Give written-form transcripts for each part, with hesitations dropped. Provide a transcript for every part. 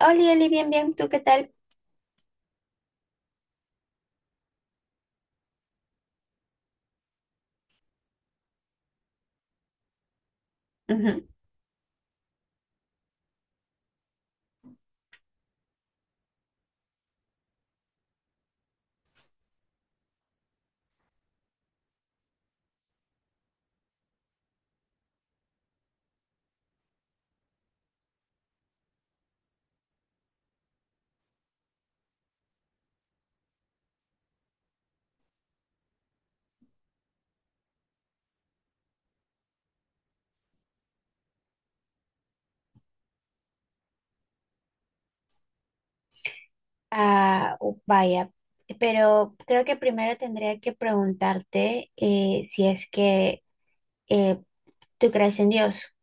Oli, Oli, bien, bien, ¿tú qué tal? Ujú. Ah, oh, vaya, pero creo que primero tendría que preguntarte si es que eh, tú crees en Dios.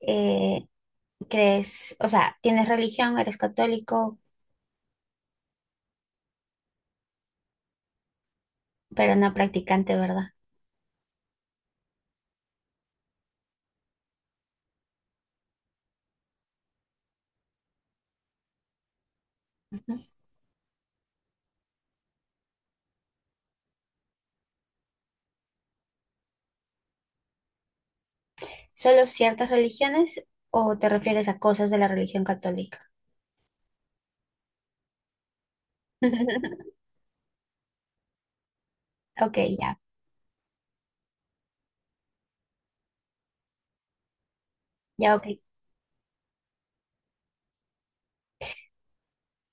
Eh, crees, o sea, tienes religión, eres católico, pero no practicante, ¿verdad? Ujú. ¿Solo ciertas religiones o te refieres a cosas de la religión católica? Ok, ya, ya, ok.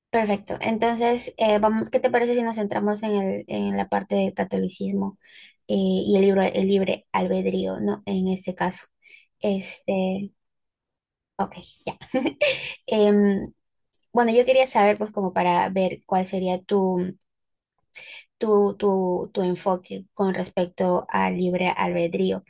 Perfecto. Entonces, vamos, ¿qué te parece si nos centramos en la parte del catolicismo y el libre albedrío, ¿no? En este caso. Este, ok, ya. Em, bueno, yo quería saber, pues, como para ver cuál sería tu enfoque con respecto al libre albedrío.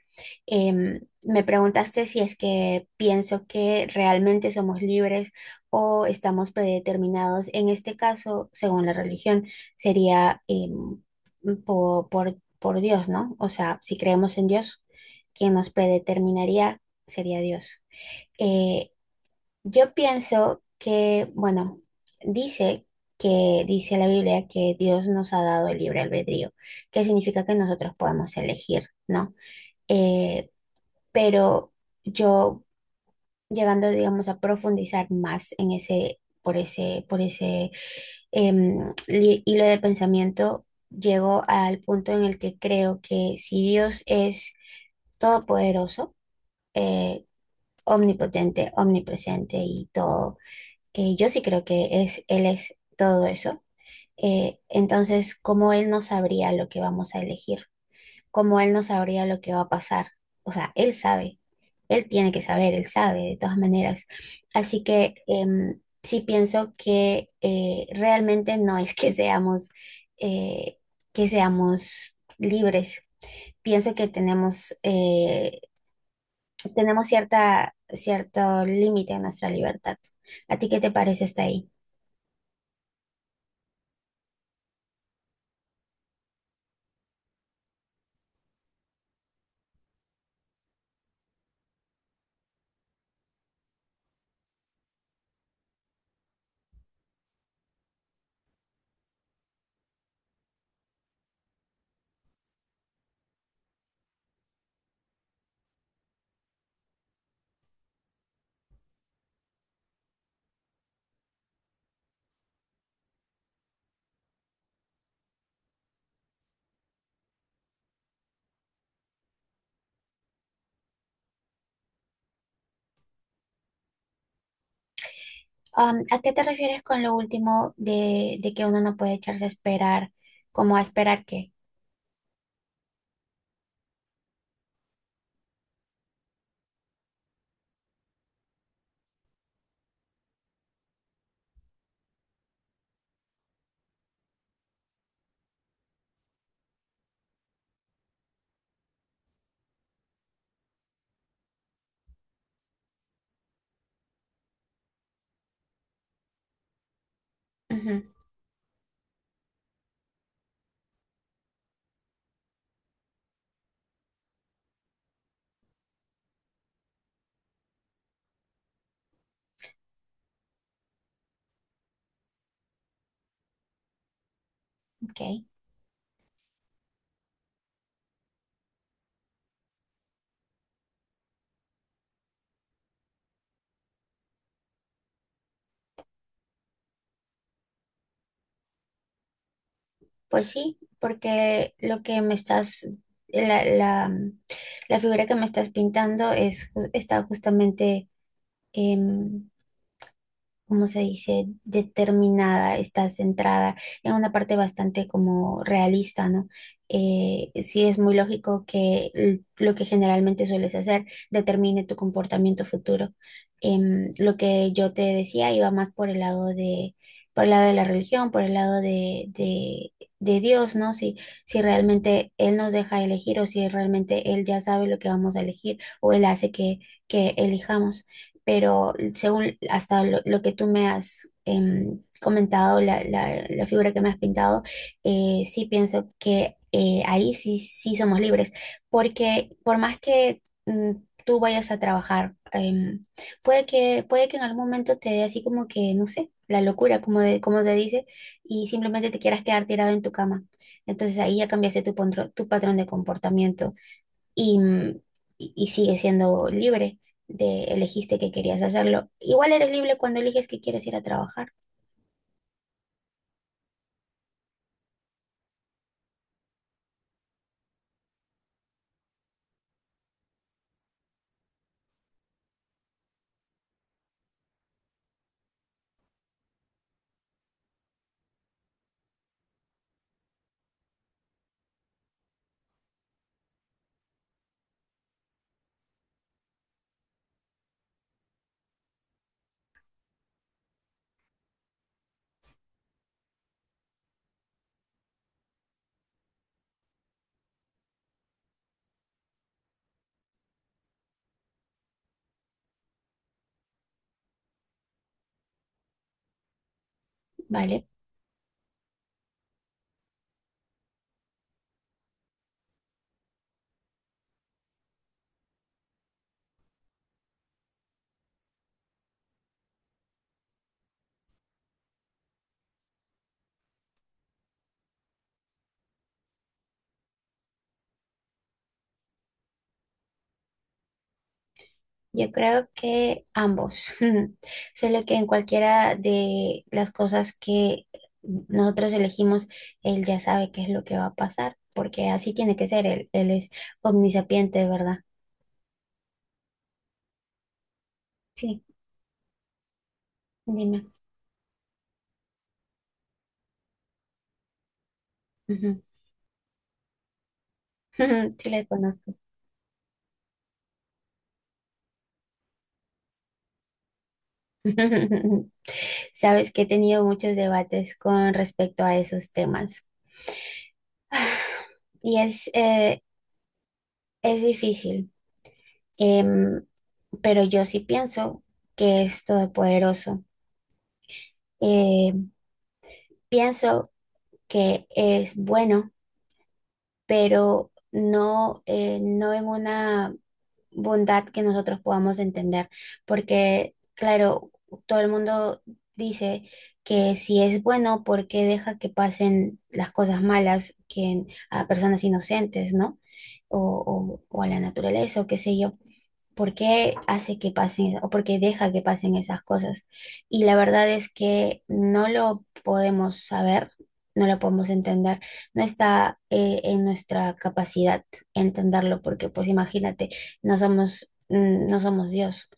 Me preguntaste si es que pienso que realmente somos libres o estamos predeterminados. En este caso, según la religión, sería por Dios, ¿no? O sea, si creemos en Dios, quien nos predeterminaría sería Dios. Eh, yo pienso que, bueno, dice dice la Biblia que Dios nos ha dado el libre albedrío, que significa que nosotros podemos elegir, ¿no? Eh, pero yo llegando, digamos, a profundizar más en ese hilo de pensamiento, llego al punto en el que creo que si Dios es todopoderoso, eh, omnipotente, omnipresente y todo, que yo sí creo que es, Él es todo eso, entonces, ¿cómo Él no sabría lo que vamos a elegir? Como él no sabría lo que va a pasar. O sea, él sabe, él tiene que saber, él sabe de todas maneras. Así que sí pienso que realmente no es eh, que seamos libres. Pienso que tenemos, tenemos cierto límite en nuestra libertad. ¿A ti qué te parece hasta ahí? ¿A qué te refieres con lo último de que uno no puede echarse a esperar? ¿Cómo a esperar qué? Ujú, ok. Pues sí, porque lo que me estás, la, la, la figura que me estás pintando es, está justamente em, cómo se dice, determinada, está centrada en una parte bastante como realista, ¿no? Sí es muy lógico que lo que generalmente sueles hacer determine tu comportamiento futuro. Lo que yo te decía iba más por el lado de, por el lado de la religión, por el lado de Dios, ¿no? Si, si realmente Él nos deja elegir o si realmente Él ya sabe lo que vamos a elegir o Él hace que elijamos, pero según hasta lo que tú me has comentado, la figura que me has pintado, sí pienso que ahí sí, sí somos libres, porque por más que tú vayas a trabajar, puede que en algún momento te dé así como que, no sé, la locura, como, de, como se dice, y simplemente te quieras quedar tirado en tu cama. Entonces ahí ya cambiaste tu, tu patrón de comportamiento y, y sigue siendo libre de elegiste que querías hacerlo. Igual eres libre cuando eliges que quieres ir a trabajar, ¿vale? Yo creo que ambos, solo que en cualquiera de las cosas que nosotros elegimos, él ya sabe qué es lo que va a pasar, porque así tiene que ser, él es omnisapiente, ¿verdad? Sí, dime. Ujú. Sí, le conozco. Sabes que he tenido muchos debates con respecto a esos temas. Y es difícil, em, pero yo sí pienso que es todopoderoso. Eh, pienso que es bueno, pero no, no en una bondad que nosotros podamos entender, porque claro, todo el mundo dice que si es bueno, ¿por qué deja que pasen las cosas malas que, a personas inocentes, ¿no? O, o a la naturaleza o qué sé yo. ¿Por qué hace que pasen o por qué deja que pasen esas cosas? Y la verdad es que no lo podemos saber, no lo podemos entender, no está en nuestra capacidad entenderlo, porque pues imagínate, no somos, no somos Dios.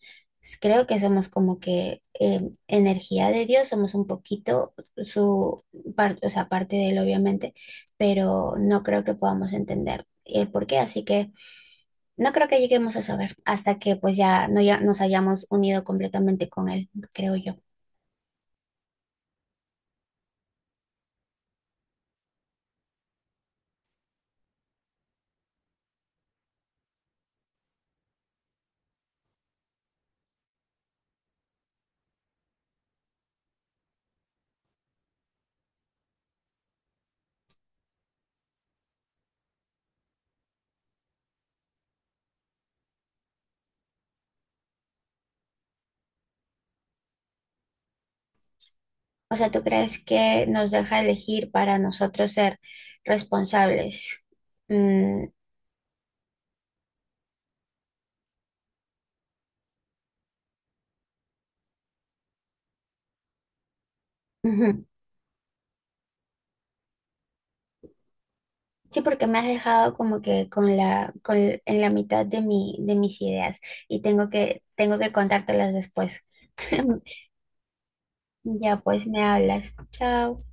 Creo que somos como que energía de Dios, somos un poquito su parte, o sea, parte de él obviamente, pero no creo que podamos entender el por qué, así que no creo que lleguemos a saber hasta que pues ya, no, ya nos hayamos unido completamente con él, creo yo. O sea, ¿tú crees que nos deja elegir para nosotros ser responsables? Mm, ujú. Sí, porque me has dejado como que con con, en la mitad de mis ideas y tengo que contártelas después. Ya pues me hablas. Chao.